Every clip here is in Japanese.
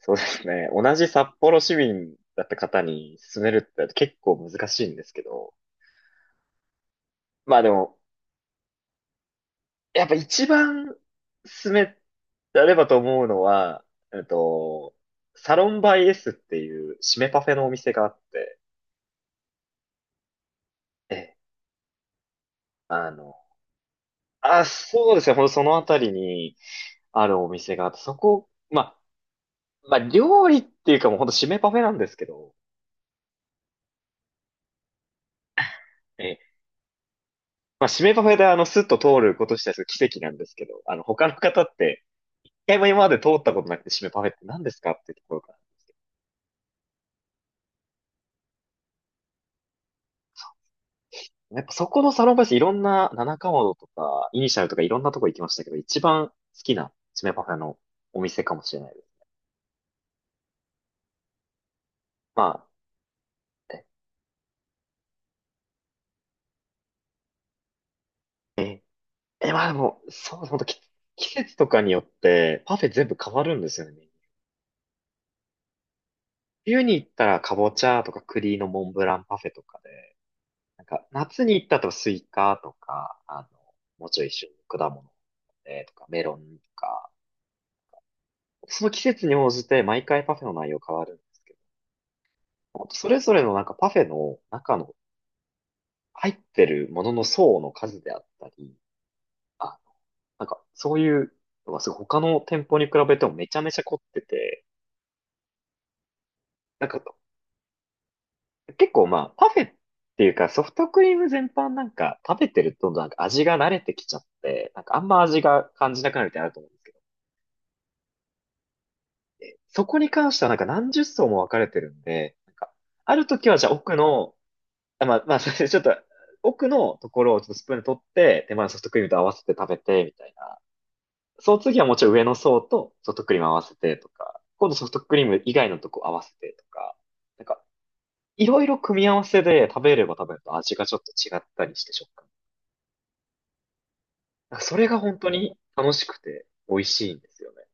そうですね。同じ札幌市民だった方に勧めるって結構難しいんですけど。まあでも、やっぱ一番勧められればと思うのは、えっと、サロンバイ S っていう締めパフェのお店があって、ええ、あの、あ、そうですね。ほんとそのあたりにあるお店があって、そこ、まあ料理っていうかもうほんと締めパフェなんですけど、ええ、まあ締めパフェでスッと通ることしたら奇跡なんですけど、他の方って、回も今まで通ったことなくて、締めパフェって何ですかっていうところから。やっぱそこのサロンパスいろんな七かまどとか、イニシャルとかいろんなとこ行きましたけど、一番好きな締めパフェのお店かもしれないです。まあ、え、まあでも、そう、ほんと季節とかによってパフェ全部変わるんですよね。冬に行ったらかぼちゃとか栗のモンブランパフェとかで、なんか夏に行ったらスイカとか、もうちょい一緒に果物、とかメロンとか、その季節に応じて毎回パフェの内容変わるんほんとそれぞれのなんかパフェの中の入ってるものの層の数であったり、あ、なんかそういうのがすごい他の店舗に比べてもめちゃめちゃ凝ってて、なんか結構まあパフェっていうかソフトクリーム全般なんか食べてるとなんか味が慣れてきちゃって、なんかあんま味が感じなくなるみたいなのあると思うんですけど、そこに関してはなんか何十層も分かれてるんで、なんかある時はじゃあ奥の、まあまあそれ ちょっと奥のところをちょっとスプーンで取って、手前のソフトクリームと合わせて食べて、みたいな。その次はもちろん上の層とソフトクリーム合わせてとか、今度ソフトクリーム以外のとこ合わせてとか、なんか、いろいろ組み合わせで食べれば食べると味がちょっと違ったりして食感。なんかそれが本当に楽しくて美味しいんですよね。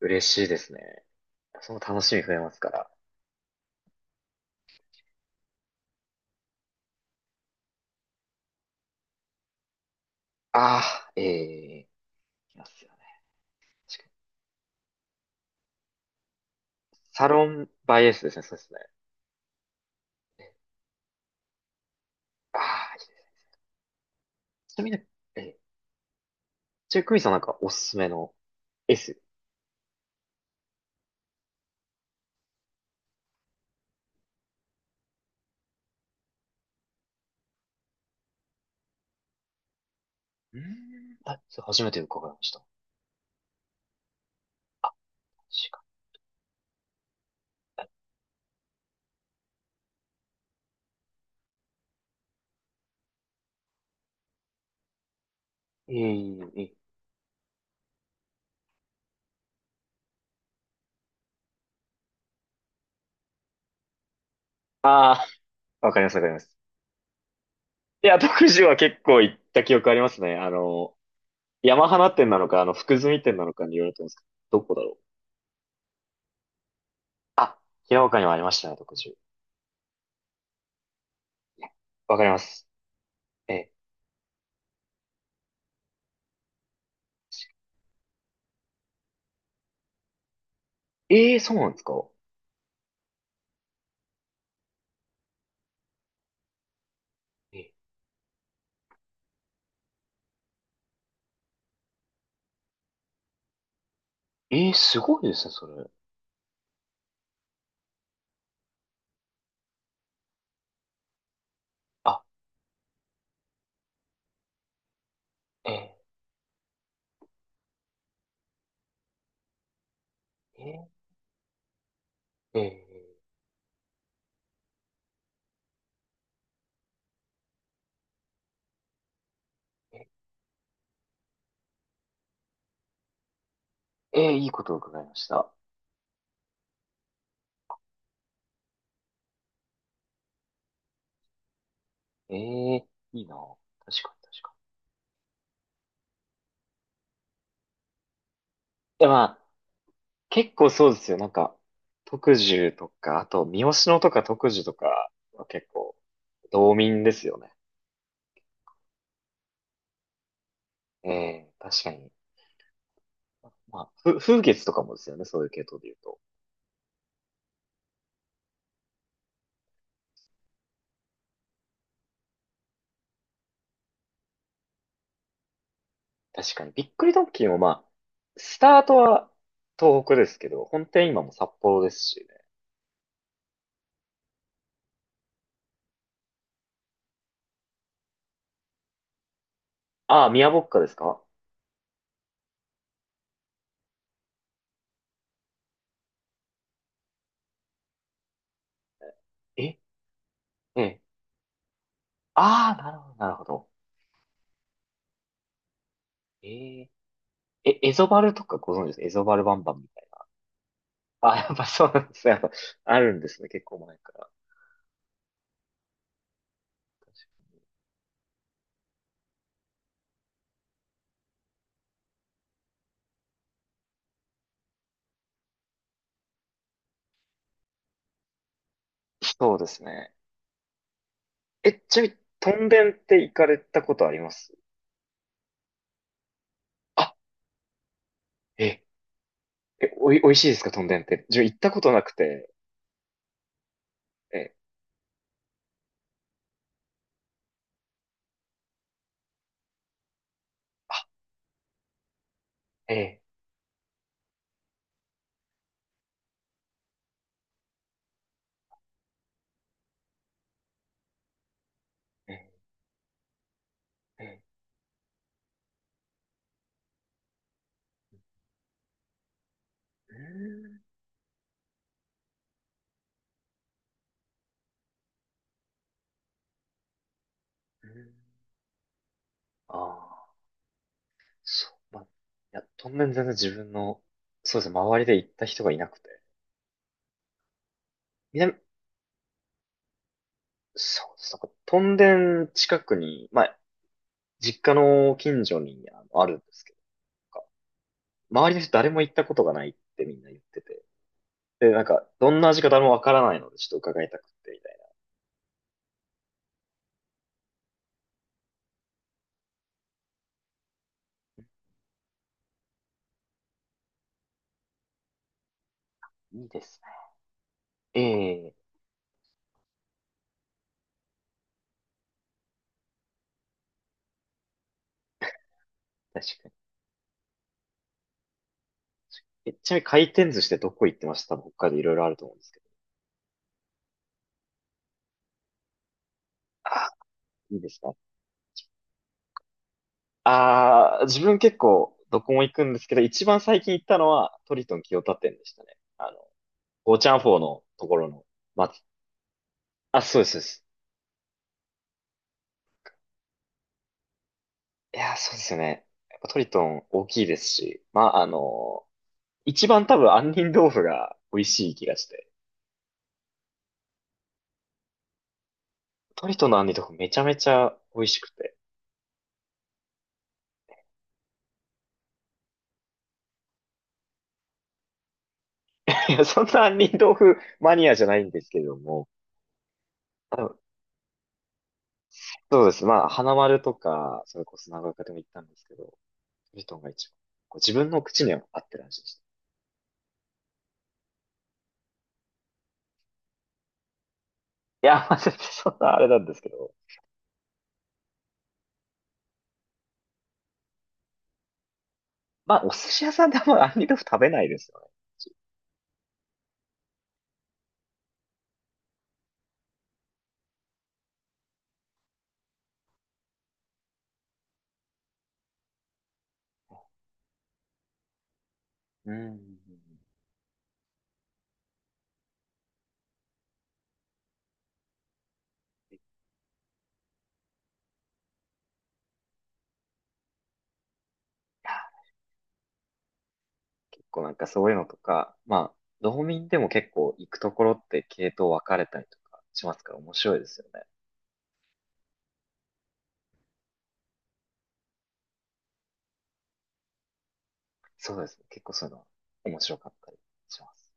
嬉しいですね。その楽しみ増えますから。ああ、ええー、いますよね。確かに。サロンバイエースですね、そうですね。ああ、いいです。ちなみにね、えー、ちなみにクミさんなんかおすすめの S。うーん、あ、それ初めて伺いました。確かに、ええええ、ああ、わかります、わかります。いや、徳島は結構行った記憶ありますね。山花店なのか、福住店なのかによると思うんですけど、どこだろう。平岡にもありましたね、徳島。いや、わかります。え、えー、そうなんですか？え、えー、すごいですね、それ。あ、えー、えー、えー、えいいことを伺いました。えー、いいな。確かに、確かに。いや、まあ、結構そうですよ。なんか、徳寿とか、あと、三好野とか徳寿とかは結構、道民ですよね。ええ、確かに。まあ、風月とかもですよね、そういう系統で言うと。確かに。びっくりドンキーもまあ、スタートは東北ですけど、本店今も札幌ですしね。ああ、宮ぼっかですか？えええ。ああ、なるほど、なるほど。ええ。エゾバルとかご存知です？エゾバルバンバンみたいな。あ、やっぱそうなんですね。やっぱあるんですね、結構前から。そうですね。ちなみに、トンデンって行かれたことあります？あ、え、おいしいですか、トンデンって。自分行ったことなくて。えええ、ええ、ええ、うーん、うん。ああ、そう、まあ、いや、当面全然自分の、そうですね、周りで行った人がいなくて。南、そうです、なんか、トンデン近くに、まあ、実家の近所にあるんですけど、なんか周りの人誰も行ったことがないってみんな言ってて。で、なんか、どんな味か誰もわからないので、ちょっと伺いたくて、みたいな。いいですね。ええ、確かに。ちなみに回転寿司ってどこ行ってました？多分北海道いろいろあると思うんですけど。ああ、いいですね。ああ、自分結構どこも行くんですけど、一番最近行ったのはトリトン清田店でしたね。ゴーチャンフォーのところの松。あ、そうです、そうです。いやー、そうですよね。やっぱトリトン大きいですし、まあ、一番多分杏仁豆腐が美味しい気がして、トリトンの杏仁豆腐めちゃめちゃ美味しくて。いや、そんな杏仁豆腐マニアじゃないんですけれども、あのそうです。まあ、花丸とか、それこそ長岡でも行ったんですけど、トリトンが一番、こう自分の口には合ってる味でした。いや、まあ、全然そんなあれなんですけど。まあ、お寿司屋さんであんま杏仁豆腐食べないですよね。うん、うん、うん、結構なんかそういうのとか、まあ、道民でも結構行くところって系統分かれたりとかしますから面白いですよね。そうですね。結構そういうのは面白かったりします。